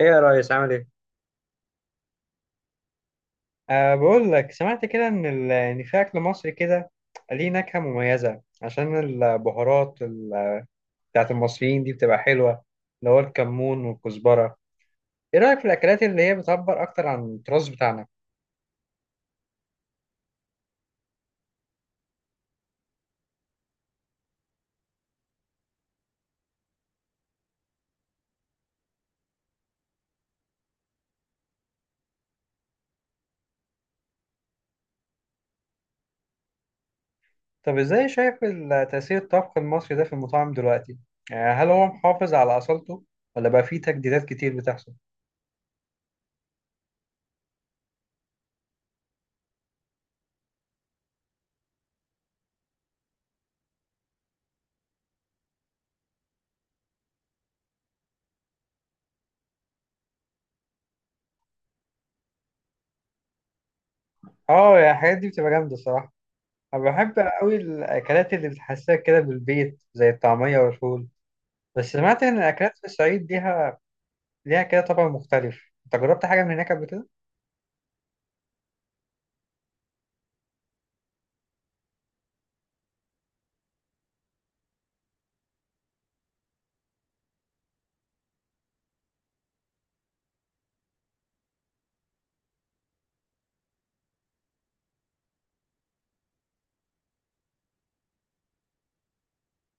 ايه يا ريس، عامل ايه؟ أه، بقول لك سمعت كده إن في أكل مصري كده ليه نكهة مميزة، عشان البهارات بتاعت المصريين دي بتبقى حلوة، اللي هو الكمون والكزبرة. إيه رأيك في الأكلات اللي هي بتعبر أكتر عن التراث بتاعنا؟ طب إزاي شايف تأثير الطبخ المصري ده في المطاعم دلوقتي؟ يعني هل هو محافظ على أصالته، ولا بقى فيه تجديدات كتير بتحصل؟ آه يا، الحاجات دي بتبقى جامدة الصراحة. أنا بحب أوي الأكلات اللي بتحسسك كده بالبيت، زي الطعمية والفول. بس سمعت إن الأكلات في الصعيد ليها كده طبع مختلف. أنت جربت حاجة من هناك قبل كده؟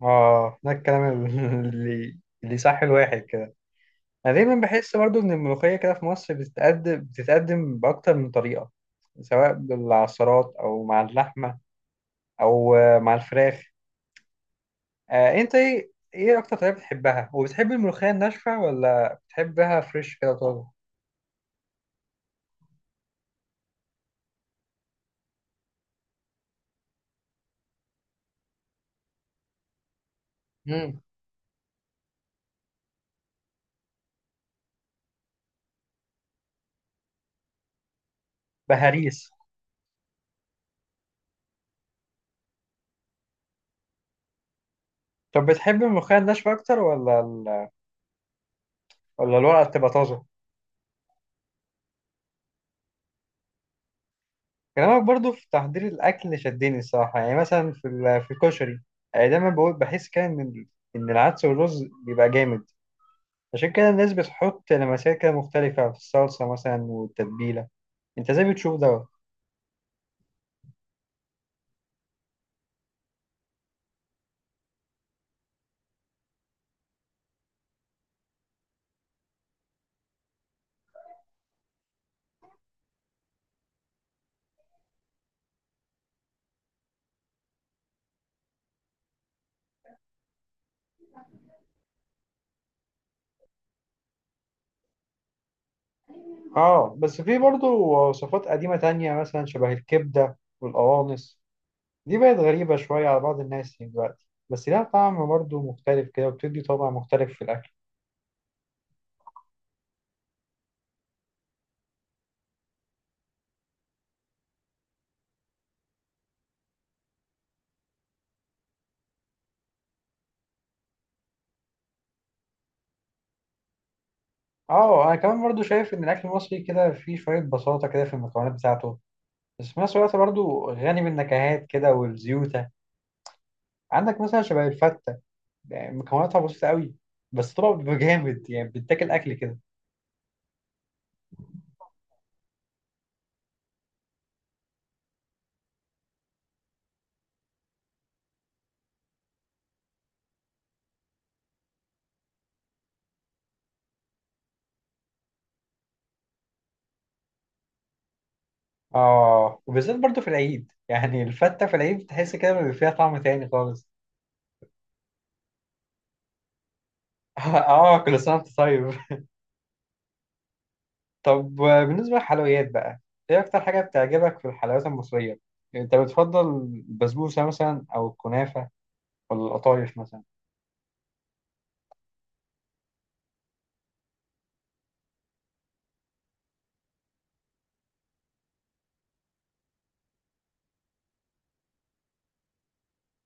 آه، ده الكلام اللي اللي صح الواحد كده. أنا دايما بحس برضو إن الملوخية كده في مصر بتتقدم بأكتر من طريقة، سواء بالعصارات أو مع اللحمة أو مع الفراخ. آه، أنت إيه أكتر طريقة بتحبها؟ وبتحب الملوخية الناشفة، ولا بتحبها فريش كده طازة؟ مم. بهاريس. طب بتحب الملوخية الناشفة أكتر، ولا الورقة بتبقى طازة؟ كلامك برضو في تحضير الأكل شدني الصراحة، يعني مثلا في في الكشري، يعني دايما بقول بحس كده إن العدس والرز بيبقى جامد. عشان كده الناس بتحط لمسات كده مختلفة في الصلصة مثلا والتتبيلة. أنت إزاي بتشوف ده؟ آه، بس في برضو وصفات قديمة تانية، مثلا شبه الكبدة والقوانص، دي بقت غريبة شوية على بعض الناس دلوقتي، بس لها طعم برضو مختلف كده، وبتدي طابع مختلف في الأكل. آه، أنا كمان برضو شايف إن الأكل المصري كده فيه شوية بساطة كده في المكونات بتاعته، بس في نفس الوقت برضه غني بالنكهات كده والزيوتة. عندك مثلا شبه الفتة، يعني مكوناتها بسيطة قوي، بس طبعا بيبقى جامد، يعني بتاكل أكل كده. آه، وبالذات برضه في العيد، يعني الفتة في العيد بتحس كده بيبقى فيها طعم تاني خالص. آه، كل سنة وأنت طيب. طب، بالنسبة للحلويات بقى، إيه أكتر حاجة بتعجبك في الحلويات المصرية؟ يعني أنت بتفضل البسبوسة مثلا أو الكنافة، ولا القطايف مثلا؟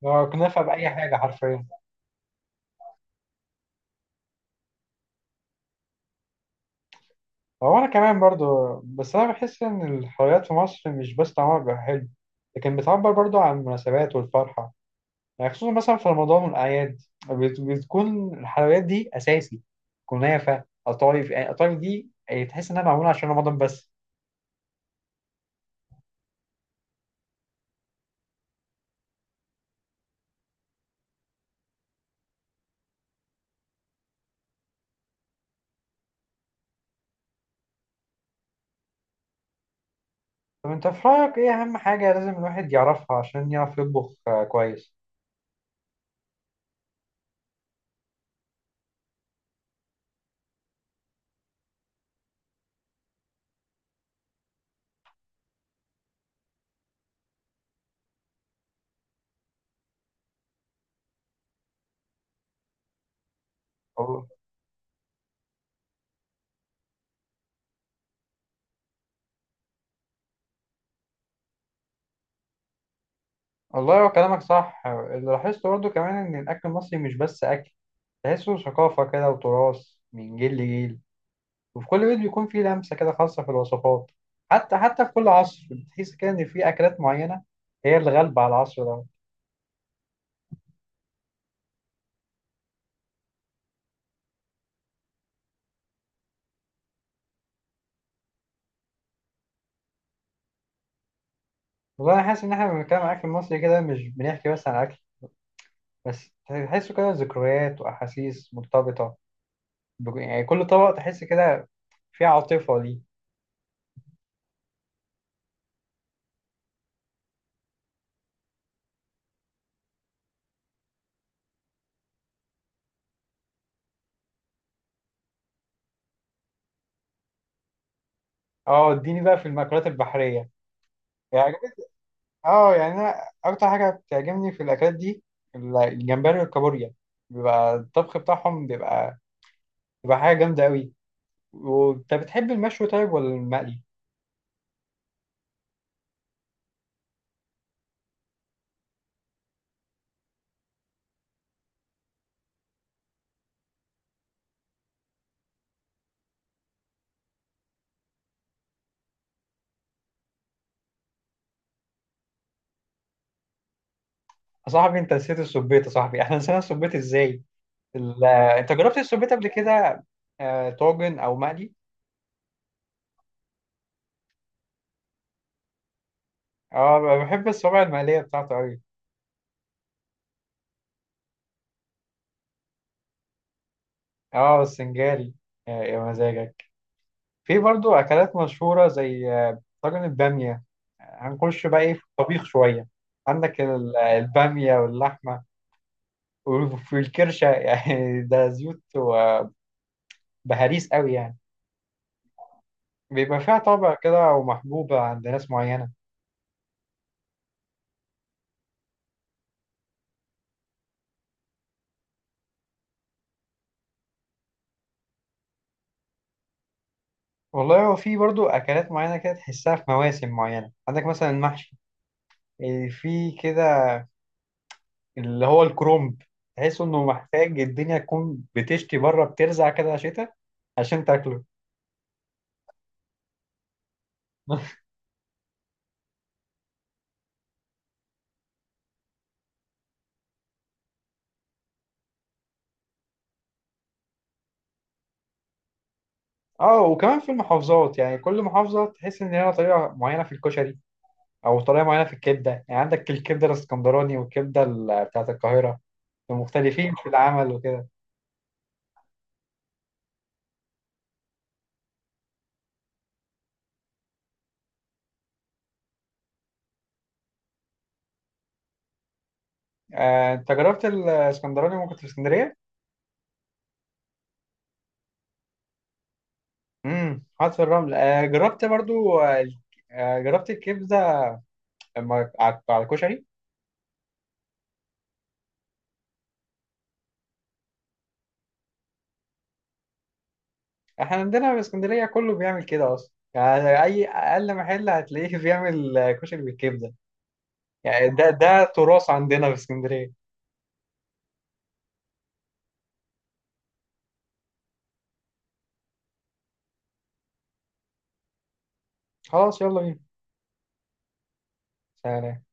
آه، الكنافة بأي حاجة حرفيا. هو أنا كمان برضو، بس أنا بحس إن الحلويات في مصر مش بس طعمها بيبقى حلو، لكن بتعبر برضو عن المناسبات والفرحة. يعني خصوصا مثلا في رمضان والأعياد، بتكون الحلويات دي أساسي، كنافة، قطايف. يعني قطايف دي يعني تحس إنها معمولة عشان رمضان بس. طب أنت في رأيك إيه أهم حاجة لازم الواحد يعرفها عشان يعرف يطبخ كويس؟ وال- والله هو كلامك صح، اللي لاحظته برضو كمان إن الأكل المصري مش بس أكل، تحسه ثقافة كده وتراث من جيل لجيل، وفي كل بيت بيكون فيه لمسة كده خاصة في الوصفات. حتى في كل عصر بتحس كده إن في أكلات معينة هي اللي غالبة على العصر ده. والله أنا حاسس إن إحنا لما بنتكلم عن الأكل المصري كده مش بنحكي بس عن أكل، بس تحسه كده ذكريات وأحاسيس مرتبطة يعني كل طبق تحس كده فيه عاطفة ليه. أه، اديني بقى في المأكولات البحرية، يعني أه، يعني أنا أكتر حاجة بتعجبني في الأكلات دي الجمبري والكابوريا، بيبقى الطبخ بتاعهم بيبقى حاجة جامدة أوي. وانت بتحب المشوي طيب، ولا المقلي؟ يا صاحبي، انت نسيت السبيت، يا صاحبي احنا نسينا السبيت ازاي؟ انت جربت السبيت قبل كده، طاجن او مقلي؟ اه، بحب الصوابع المقلية بتاعته قوي. اه، السنجاري، يا مزاجك. في برضو اكلات مشهورة زي طاجن البامية، هنخش بقى ايه في الطبيخ شوية. عندك البامية واللحمة، وفي الكرشة، يعني ده زيوت وبهاريس قوي يعني، بيبقى فيها طابع كده ومحبوبة عند ناس معينة. والله هو في برضو أكلات معينة كده تحسها في مواسم معينة، عندك مثلا المحشي، إيه، في كده اللي هو الكرومب، تحس إنه محتاج الدنيا تكون بتشتي بره، بترزع كده شتاء عشان تاكله. اه، وكمان في المحافظات، يعني كل محافظة تحس إن ليها طريقة معينة في الكشري، أو طريقة معينة في الكبدة. يعني عندك الكبدة الإسكندراني والكبدة بتاعة القاهرة، مختلفين في العمل وكده. أنت جربت الإسكندراني وأنت كنت في اسكندرية؟ حاطط الرمل، آه جربت برضو جربت الكبده على الكشري. احنا عندنا في اسكندريه كله بيعمل كده اصلا، يعني اي اقل محل هتلاقيه بيعمل كشري بالكبده، يعني ده تراث عندنا في اسكندريه. خلاص يلا بينا. سلام.